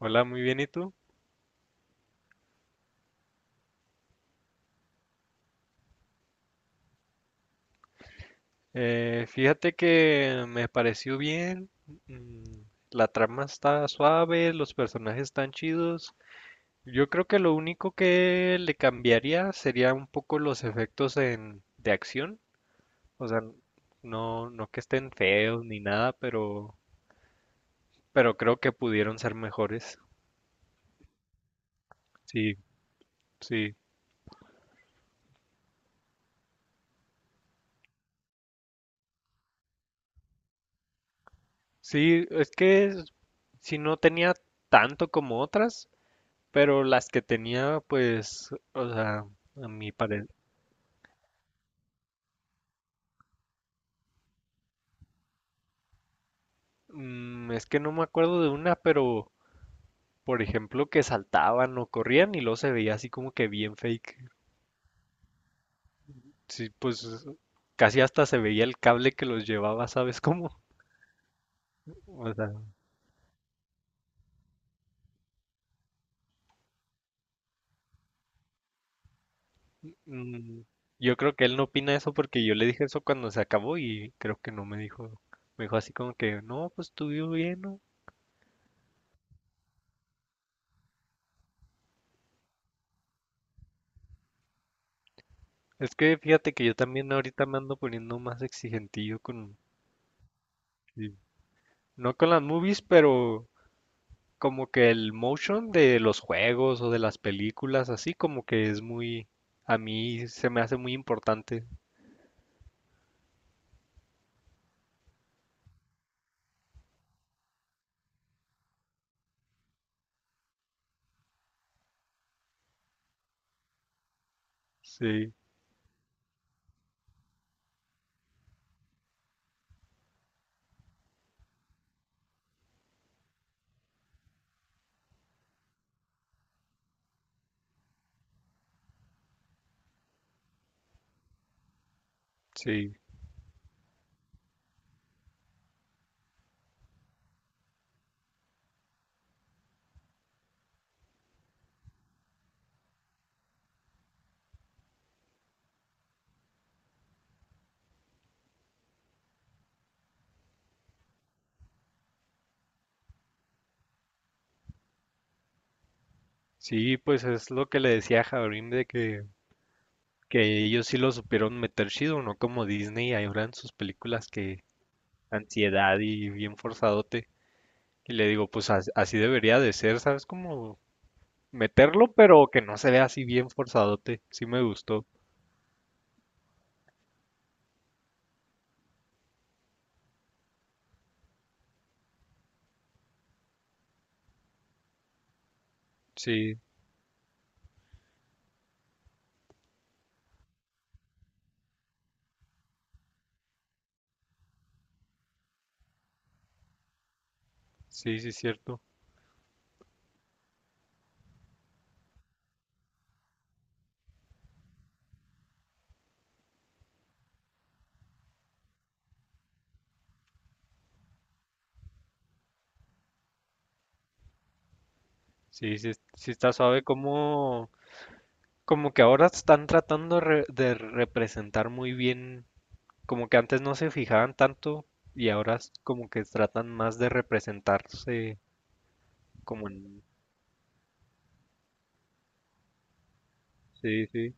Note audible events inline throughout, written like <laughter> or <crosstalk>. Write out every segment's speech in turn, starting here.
Hola, muy bien, ¿y tú? Fíjate que me pareció bien, mm, la trama está suave, los personajes están chidos. Yo creo que lo único que le cambiaría sería un poco los efectos de acción, o sea, no, no que estén feos ni nada, pero creo que pudieron ser mejores. Sí, sí, sí, es que si no tenía tanto como otras, pero las que tenía, pues, o sea, a mi parecer, es que no me acuerdo de una, pero, por ejemplo, que saltaban o corrían y luego se veía así como que bien fake. Sí, pues, casi hasta se veía el cable que los llevaba, ¿sabes cómo? O sea, mm, yo creo que él no opina eso porque yo le dije eso cuando se acabó y creo que no me dijo, me dijo así como que, no, pues estuvo bien, ¿no? Es que fíjate que yo también ahorita me ando poniendo más exigentillo no con las movies, pero como que el motion de los juegos o de las películas, así como que es muy, a mí se me hace muy importante. Sí, sí, sí, pues es lo que le decía a Jabrim de que ellos sí lo supieron meter chido, no como Disney ahora en sus películas que ansiedad y bien forzadote. Y le digo, pues así debería de ser, ¿sabes? Como meterlo, pero que no se vea así bien forzadote. Sí me gustó. Sí, sí, sí, es cierto. Sí, sí, sí está suave como, como que ahora están tratando de representar muy bien, como que antes no se fijaban tanto y ahora es como que tratan más de representarse como en... Sí, sí,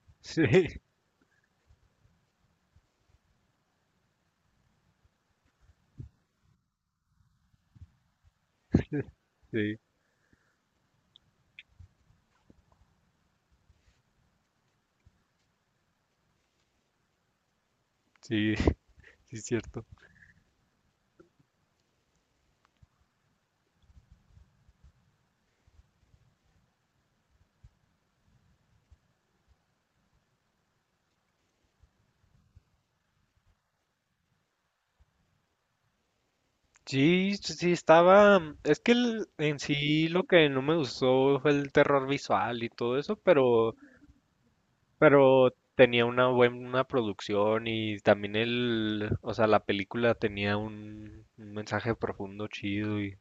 <laughs> sí, sí, sí, sí, es cierto. Sí, sí estaba, es que en sí lo que no me gustó fue el terror visual y todo eso, pero tenía una buena producción y también el, o sea, la película tenía un mensaje profundo chido y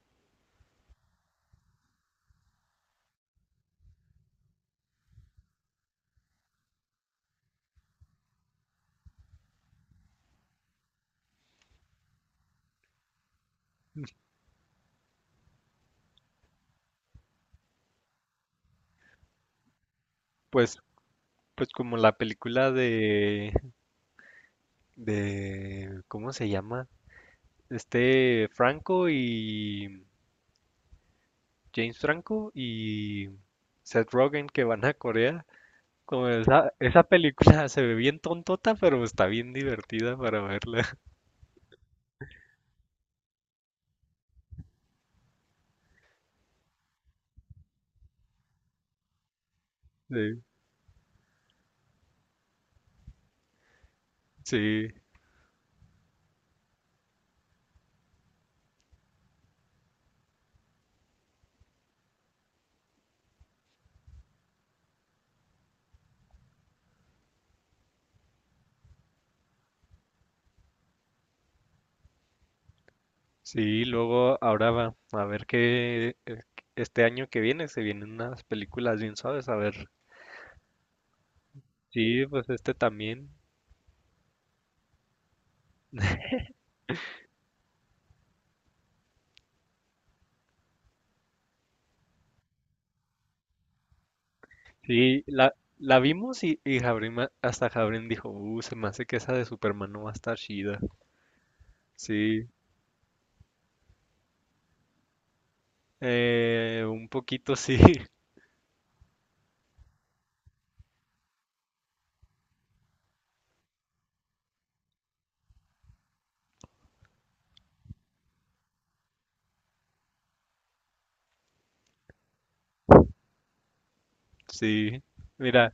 pues, pues, como la película de, ¿cómo se llama? Este Franco y James Franco y Seth Rogen que van a Corea. Como esa película se ve bien tontota, pero está bien divertida para verla. <laughs> Sí, sí. Sí, luego ahora va a ver que este año que viene se vienen unas películas bien suaves, a ver. Sí, pues este también. Sí, la vimos y Jabrín hasta Jabrín dijo, se me hace que esa de Superman no va a estar chida. Sí, un poquito sí, <laughs> sí. Mira,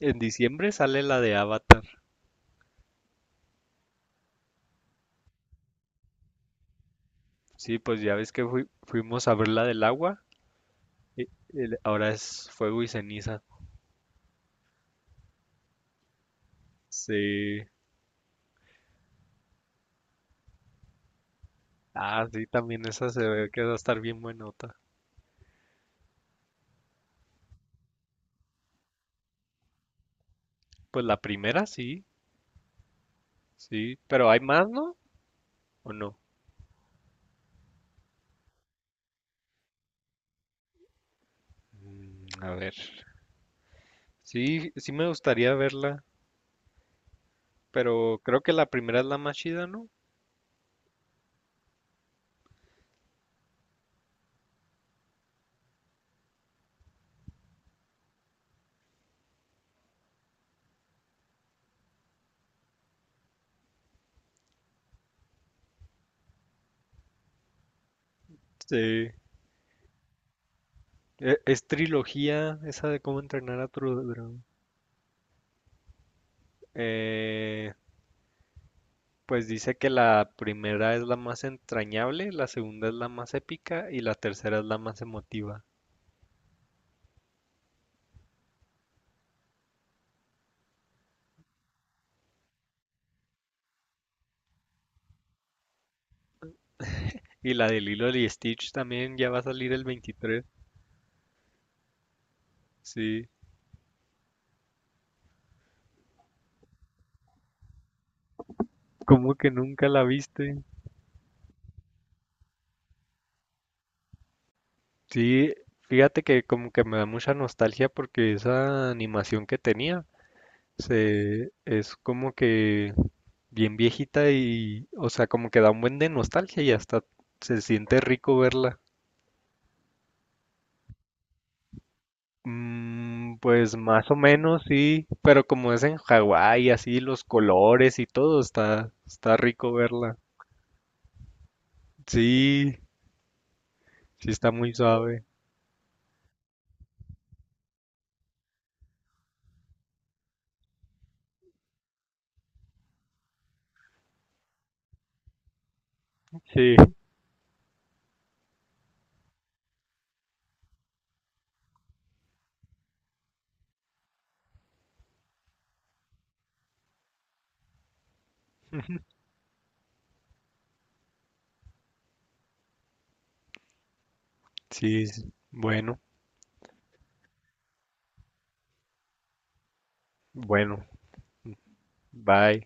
en diciembre sale la de Avatar. Sí, pues ya ves que fuimos a ver la del agua. y- y ahora es fuego y ceniza. Sí. Ah, sí, también esa se ve que va a estar bien buenota. Pues la primera sí, sí, pero hay más, ¿no? ¿O no? Mm, a ver. Sí, sí me gustaría verla, pero creo que la primera es la más chida, ¿no? Sí. Es trilogía esa de cómo entrenar a tu dragón. Eh, pues dice que la primera es la más entrañable, la segunda es la más épica y la tercera es la más emotiva. Y la de Lilo y Stitch también ya va a salir el 23. Sí. ¿Cómo que nunca la viste? Sí, fíjate que como que me da mucha nostalgia porque esa animación que tenía se es como que bien viejita y, o sea, como que da un buen de nostalgia y hasta se siente rico verla. Mm, pues más o menos sí, pero como es en Hawái, así los colores y todo, está, está rico verla. Sí, sí está muy suave. Sí, sí, bueno, bueno, bye.